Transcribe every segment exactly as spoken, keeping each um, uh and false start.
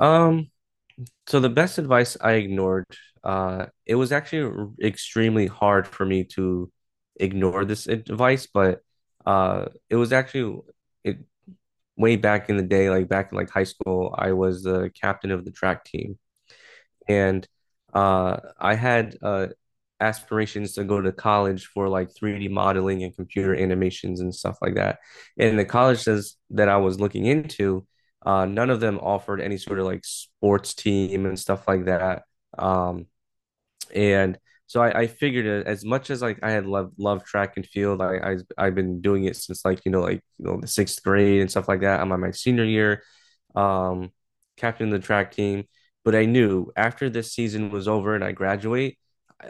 Um, so the best advice I ignored, uh, it was actually r- extremely hard for me to ignore this advice, but uh, it was actually it way back in the day, like back in like high school, I was the captain of the track team. And uh, I had uh, aspirations to go to college for like three D modeling and computer animations and stuff like that. And the colleges that I was looking into, uh, none of them offered any sort of like sports team and stuff like that. Um, and so I, I figured it, as much as like I had loved loved track and field, I, I I've been doing it since like you know like you know the sixth grade and stuff like that. I'm on my senior year, um, captain of the track team. But I knew after this season was over and I graduate,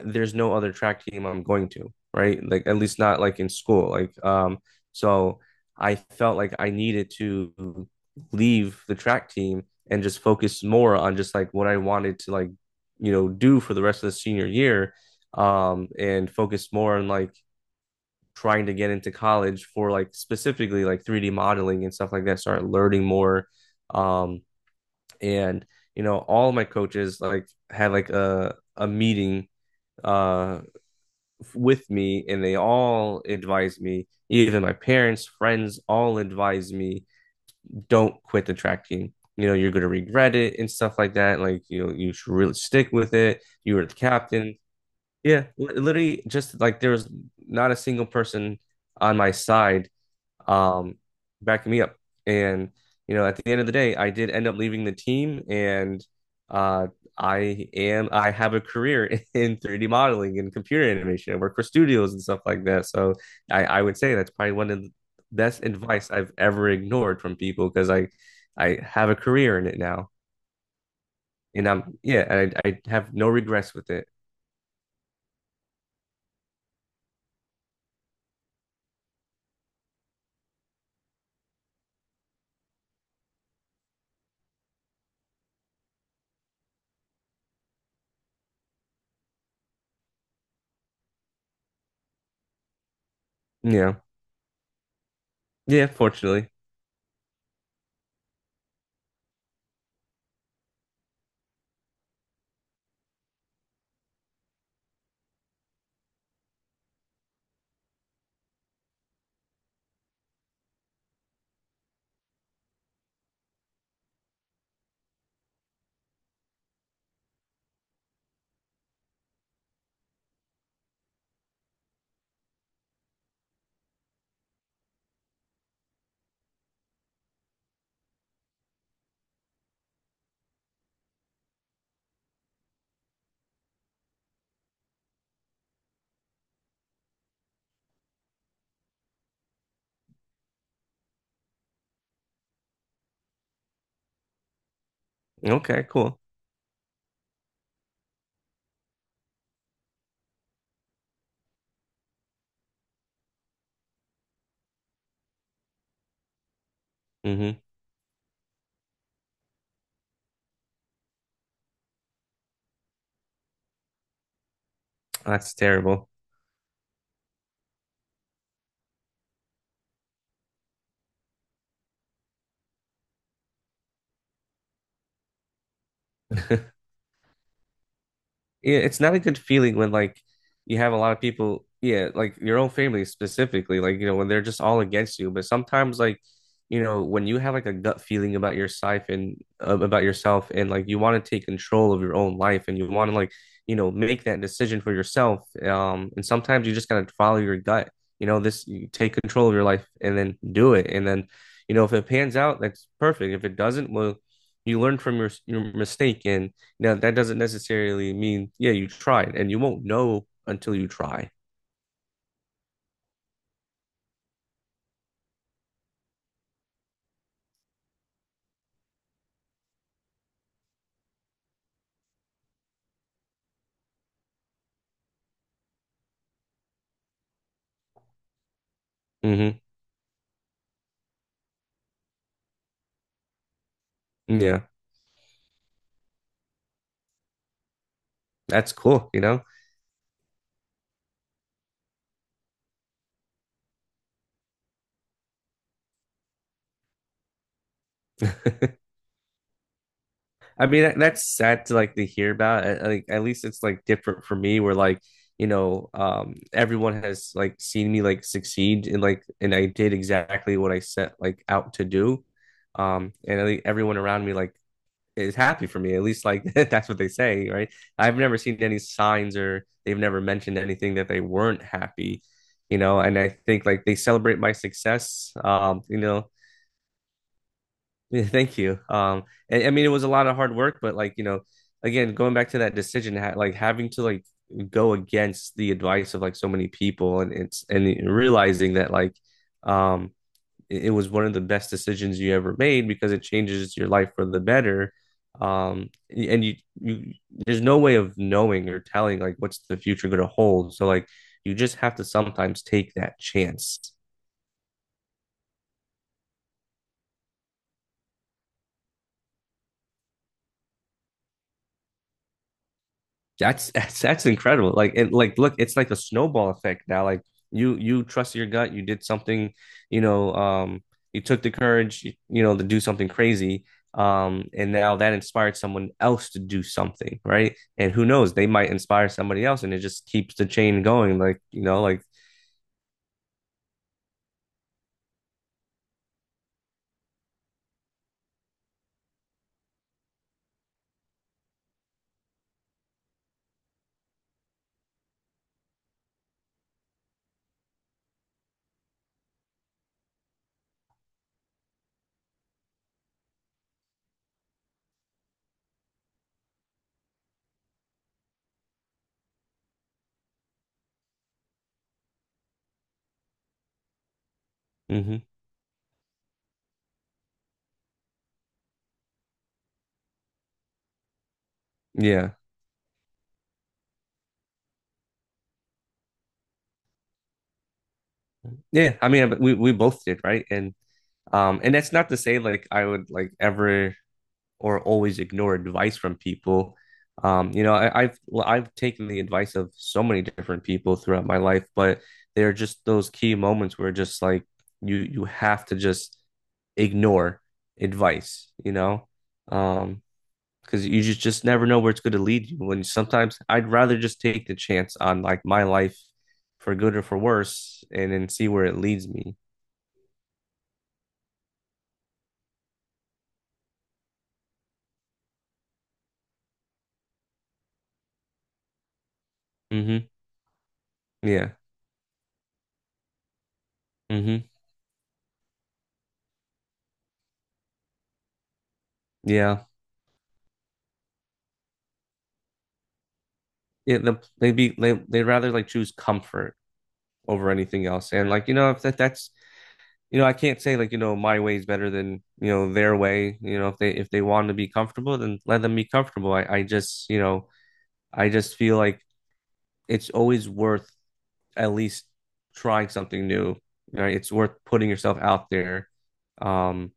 there's no other track team I'm going to, right? Like at least not like in school. Like um, so I felt like I needed to leave the track team and just focus more on just like what I wanted to like you know do for the rest of the senior year um and focus more on like trying to get into college for like specifically like three D modeling and stuff like that start learning more um and you know all of my coaches like had like a a meeting uh with me and they all advised me even my parents friends all advised me don't quit the track team, you know, you're going to regret it and stuff like that, like you know you should really stick with it, you were the captain. Yeah, li- literally just like there was not a single person on my side, um backing me up. And you know, at the end of the day, I did end up leaving the team and uh I am I have a career in three D modeling and computer animation. I work for studios and stuff like that. So I I would say that's probably one of the best advice I've ever ignored from people because I I have a career in it now. And I'm, yeah, I I have no regrets with it. Yeah. Yeah, fortunately. Okay, cool. Hmm. That's terrible. Yeah, it's not a good feeling when like you have a lot of people, yeah, like your own family specifically, like you know, when they're just all against you. But sometimes like, you know, when you have like a gut feeling about your life and uh, about yourself and like you want to take control of your own life and you want to like, you know, make that decision for yourself. Um, and sometimes you just gotta follow your gut. You know, this you take control of your life and then do it. And then, you know, if it pans out, that's perfect. If it doesn't, well, you learn from your your mistake and now, that doesn't necessarily mean, yeah, you tried, and you won't know until you try. Hmm. Yeah, that's cool, you know? I mean, that, that's sad to like to hear about. I, I, like, at least it's like different for me, where like, you know, um, everyone has like seen me like succeed and like, and I did exactly what I set like out to do. Um, and I think everyone around me like is happy for me. At least like that's what they say, right? I've never seen any signs or they've never mentioned anything that they weren't happy, you know. And I think like they celebrate my success. Um, you know, yeah, thank you. Um, and I mean it was a lot of hard work, but like you know, again going back to that decision, ha- like having to like go against the advice of like so many people, and it's and realizing that like um it, was one of the best decisions you ever made because it changes your life for the better. Um, and you, you, there's no way of knowing or telling like what's the future going to hold. So like you just have to sometimes take that chance. That's that's, that's incredible. Like it like look, it's like a snowball effect now. Like you you trust your gut, you did something, you know, um you took the courage, you, you know, to do something crazy. Um, and now that inspired someone else to do something, right? And who knows, they might inspire somebody else, and it just keeps the chain going. Like you know, like mm-hmm, yeah, yeah. I mean, we we both did, right? And um, and that's not to say like I would like ever or always ignore advice from people. Um, you know, I, I've well, I've taken the advice of so many different people throughout my life, but there are just those key moments where just like you you have to just ignore advice, you know, um, because you just just never know where it's going to lead you. And sometimes I'd rather just take the chance on like my life for good or for worse, and then see where it leads me. Mm-hmm. Yeah. Mm-hmm. Yeah. Yeah. The, they'd be they they'd rather like choose comfort over anything else. And like, you know, if that that's you know, I can't say like, you know, my way is better than, you know, their way. You know, if they if they want to be comfortable, then let them be comfortable. I, I just, you know, I just feel like it's always worth at least trying something new. Right? It's worth putting yourself out there. Um,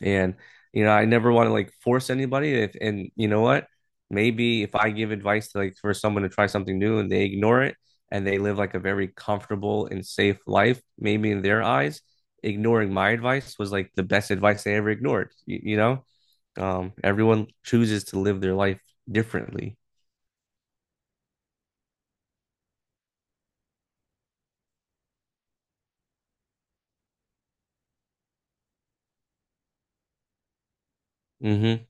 and you know, I never want to like force anybody. If, and you know what? Maybe if I give advice to like for someone to try something new and they ignore it and they live like a very comfortable and safe life, maybe in their eyes, ignoring my advice was like the best advice they ever ignored. You, you know, um, everyone chooses to live their life differently. Hmm.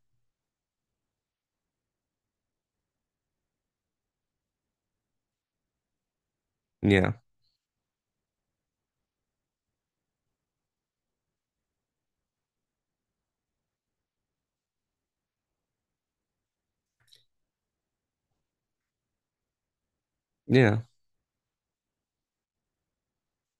Yeah. Yeah.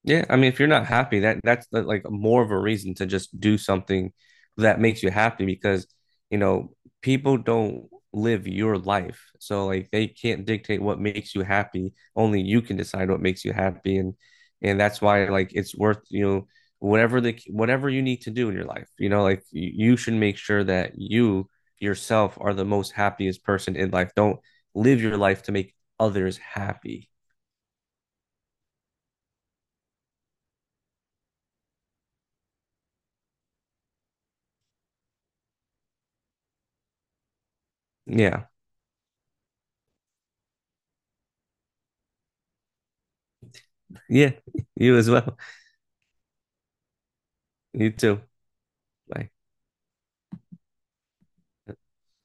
Yeah, I mean, if you're not happy, that that's uh, like more of a reason to just do something that makes you happy because, you know, people don't live your life. So like they can't dictate what makes you happy. Only you can decide what makes you happy and and that's why like it's worth, you know, whatever the whatever you need to do in your life. You know, like y- you should make sure that you yourself are the most happiest person in life. Don't live your life to make others happy. Yeah. Yeah, you as well. You too. Bye.